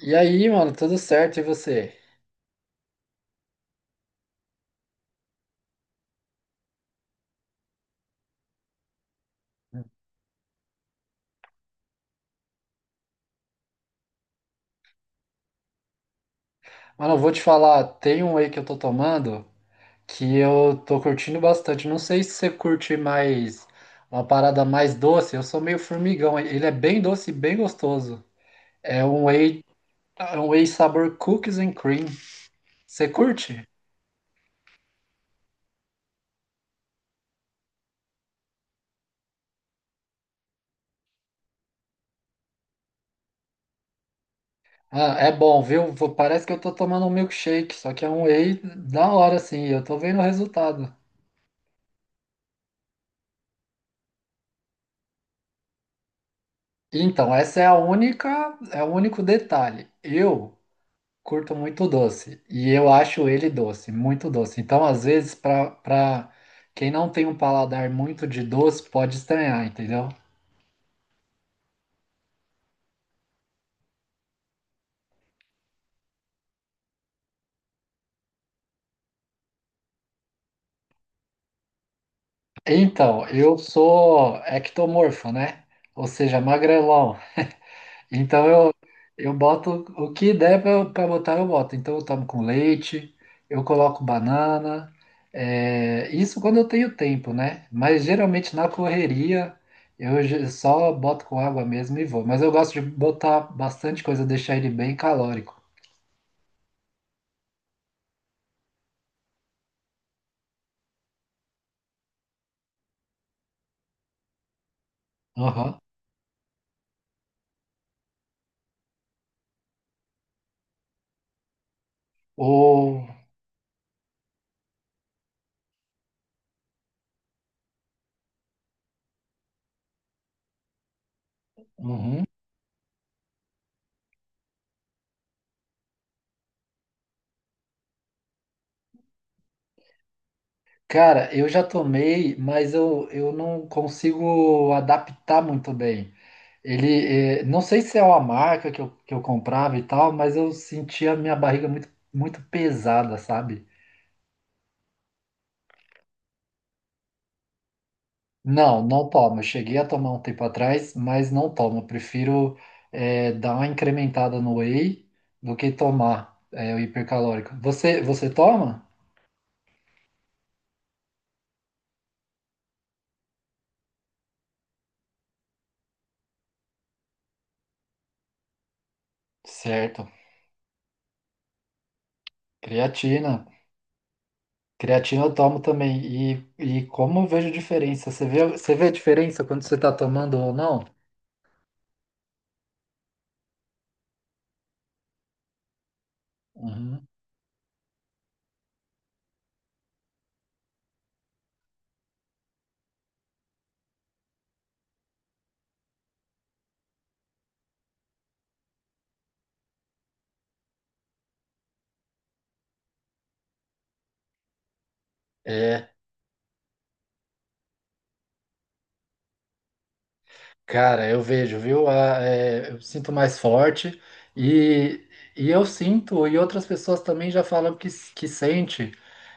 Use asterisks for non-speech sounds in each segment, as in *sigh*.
E aí, mano, tudo certo? E você? Mano, eu vou te falar, tem um whey que eu tô tomando que eu tô curtindo bastante. Não sei se você curte mais uma parada mais doce. Eu sou meio formigão. Ele é bem doce e bem gostoso. É um whey, é um whey sabor cookies and cream. Você curte? Ah, é bom, viu? Vou- Parece que eu tô tomando um milkshake, só que é um whey da hora, assim. Eu tô vendo o resultado. Então, essa é a única, é o único detalhe. Eu curto muito doce e eu acho ele doce, muito doce. Então, às vezes, para quem não tem um paladar muito de doce, pode estranhar, entendeu? Então, eu sou ectomorfo, né? Ou seja, magrelão. Então eu boto o que der para botar, eu boto. Então eu tomo com leite, eu coloco banana. Isso quando eu tenho tempo, né? Mas geralmente na correria eu só boto com água mesmo e vou. Mas eu gosto de botar bastante coisa, deixar ele bem calórico. Aham. Ou. Uhum. Cara, eu já tomei, mas eu não consigo adaptar muito bem. Ele, não sei se é uma marca que eu comprava e tal, mas eu sentia a minha barriga muito, muito pesada, sabe? Não, não tomo. Eu cheguei a tomar um tempo atrás, mas não tomo. Eu prefiro, dar uma incrementada no whey do que tomar, o hipercalórico. Você toma? Certo. Creatina. Creatina eu tomo também. E como eu vejo diferença? Você vê a diferença quando você está tomando ou não? Uhum. Cara, eu vejo, viu? A- é, eu sinto mais forte e, e eu sinto, e outras pessoas também já falam que, s- que sente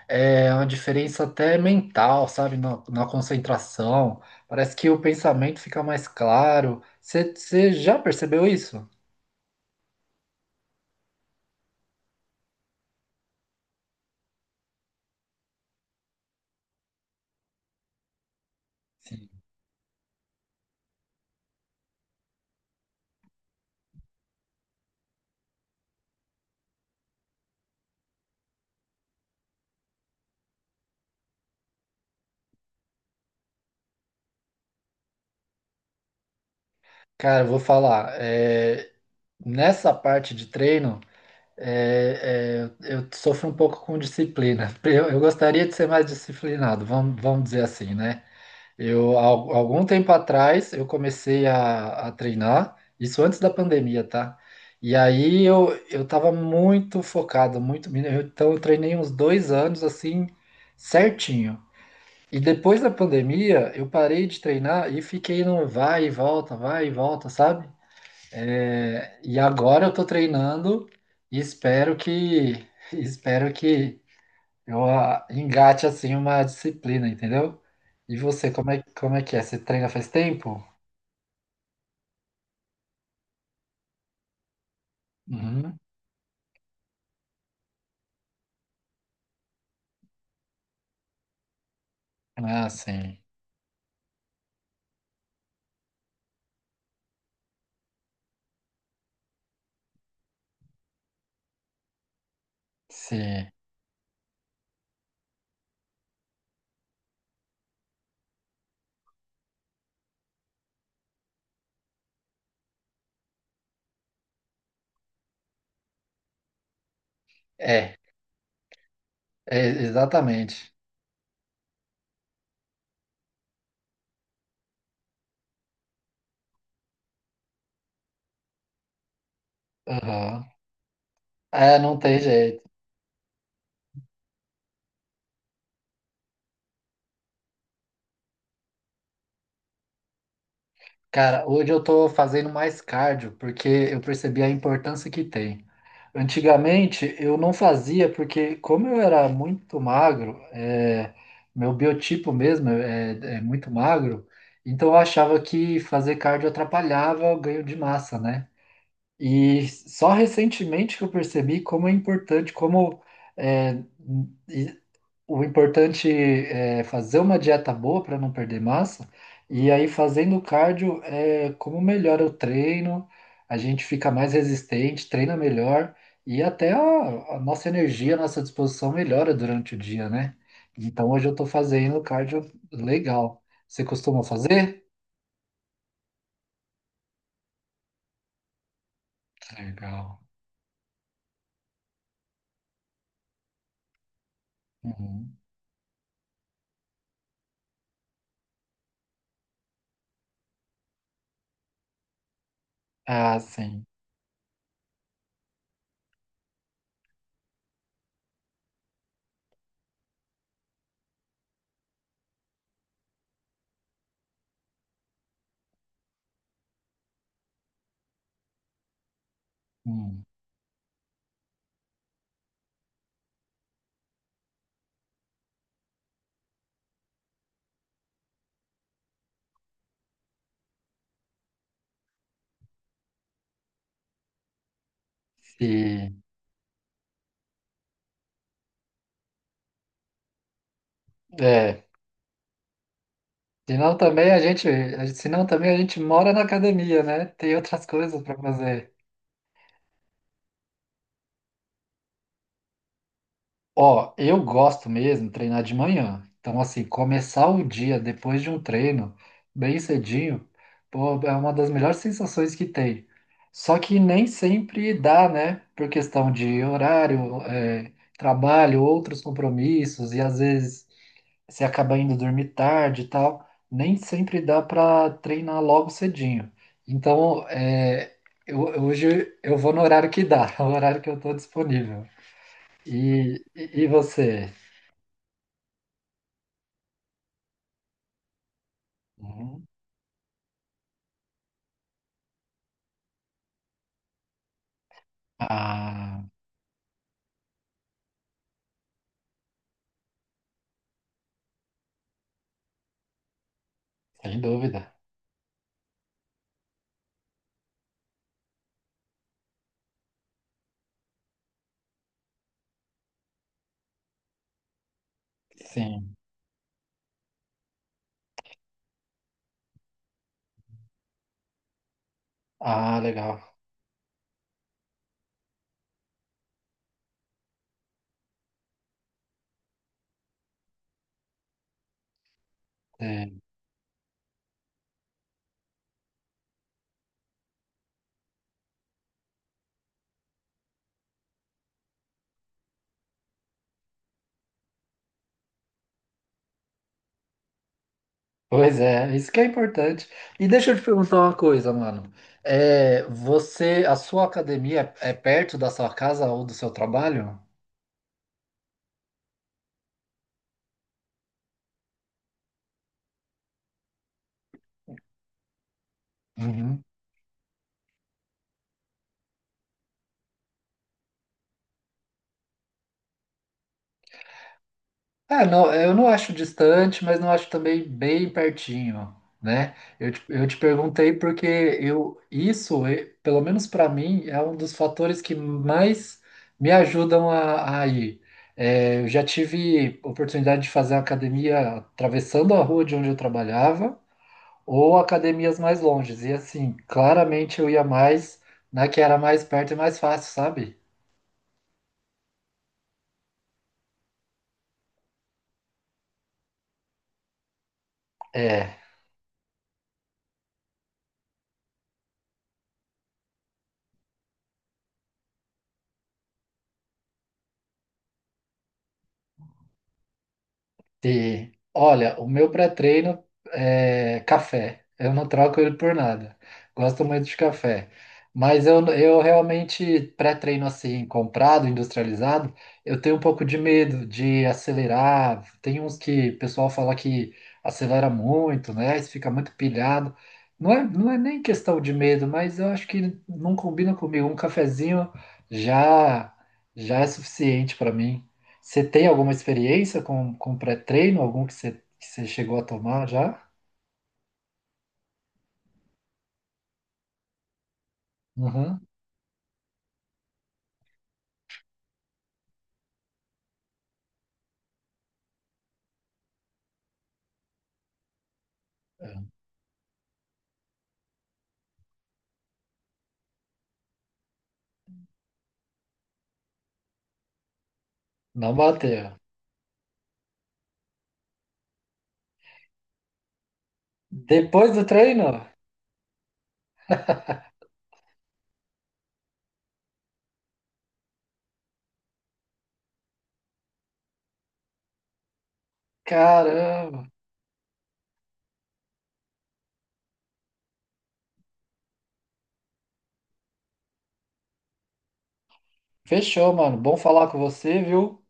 uma diferença até mental, sabe? Na, na concentração. Parece que o pensamento fica mais claro. Você já percebeu isso? Sim. Cara, eu vou falar. Nessa parte de treino, eu sofro um pouco com disciplina. *laughs* Eu gostaria de ser mais disciplinado, vamos dizer assim, né? Eu, algum tempo atrás, eu comecei a treinar, isso antes da pandemia, tá? E aí eu tava muito focado, muito. Então eu treinei uns dois anos assim, certinho. E depois da pandemia, eu parei de treinar e fiquei no vai e volta, sabe? É, e agora eu tô treinando e espero que, *laughs* espero que eu ah, engate assim uma disciplina, entendeu? E você, como que é? Você treina faz tempo? Uhum. Ah, sim. Sim. É, é exatamente. Aham. É, não tem jeito. Cara, hoje eu tô fazendo mais cardio porque eu percebi a importância que tem. Antigamente eu não fazia porque, como eu era muito magro, é, meu biotipo mesmo é muito magro, então eu achava que fazer cardio atrapalhava o ganho de massa, né? E só recentemente que eu percebi como é importante, é, o importante é fazer uma dieta boa para não perder massa, e aí fazendo cardio, como melhora o treino, a gente fica mais resistente, treina melhor, e até a nossa energia, a nossa disposição melhora durante o dia, né? Então hoje eu estou fazendo cardio legal. Você costuma fazer? Legal. Uhum. Ah, sim. Hum. E, é, Senão também a gente, senão também a gente mora na academia, né? Tem outras coisas para fazer. Ó, eu gosto mesmo de treinar de manhã. Então, assim, começar o dia depois de um treino, bem cedinho, pô, é uma das melhores sensações que tem. Só que nem sempre dá, né? Por questão de horário, trabalho, outros compromissos, e às vezes você acaba indo dormir tarde e tal. Nem sempre dá para treinar logo cedinho. Então, eu, hoje eu vou no horário que dá, *laughs* no horário que eu estou disponível. E, e você? Hum. Ah, sem dúvida. Sim. Ah, legal. É. Pois é, isso que é importante. E deixa eu te perguntar uma coisa, mano. É, você, a sua academia é perto da sua casa ou do seu trabalho? Uhum. Ah, não, eu não acho distante, mas não acho também bem pertinho, né? Eu te perguntei porque eu, isso, pelo menos para mim, é um dos fatores que mais me ajudam a ir. Eu já tive oportunidade de fazer academia atravessando a rua de onde eu trabalhava, ou academias mais longes. E assim, claramente eu ia mais na que era mais perto e mais fácil, sabe? É. E, olha, o meu pré-treino é café. Eu não troco ele por nada. Gosto muito de café. Mas eu realmente, pré-treino assim, comprado, industrializado, eu tenho um pouco de medo de acelerar. Tem uns que o pessoal fala que acelera muito, né? Isso fica muito pilhado. Não é nem questão de medo, mas eu acho que não combina comigo. Um cafezinho já, já é suficiente para mim. Você tem alguma experiência com pré-treino? Algum que você chegou a tomar já? Uhum. Não bateu. Depois do treino? Caramba. Fechou, mano. Bom falar com você, viu?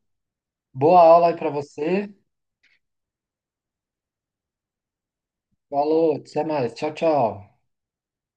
Boa aula aí pra você. Falou, até mais. Tchau, tchau.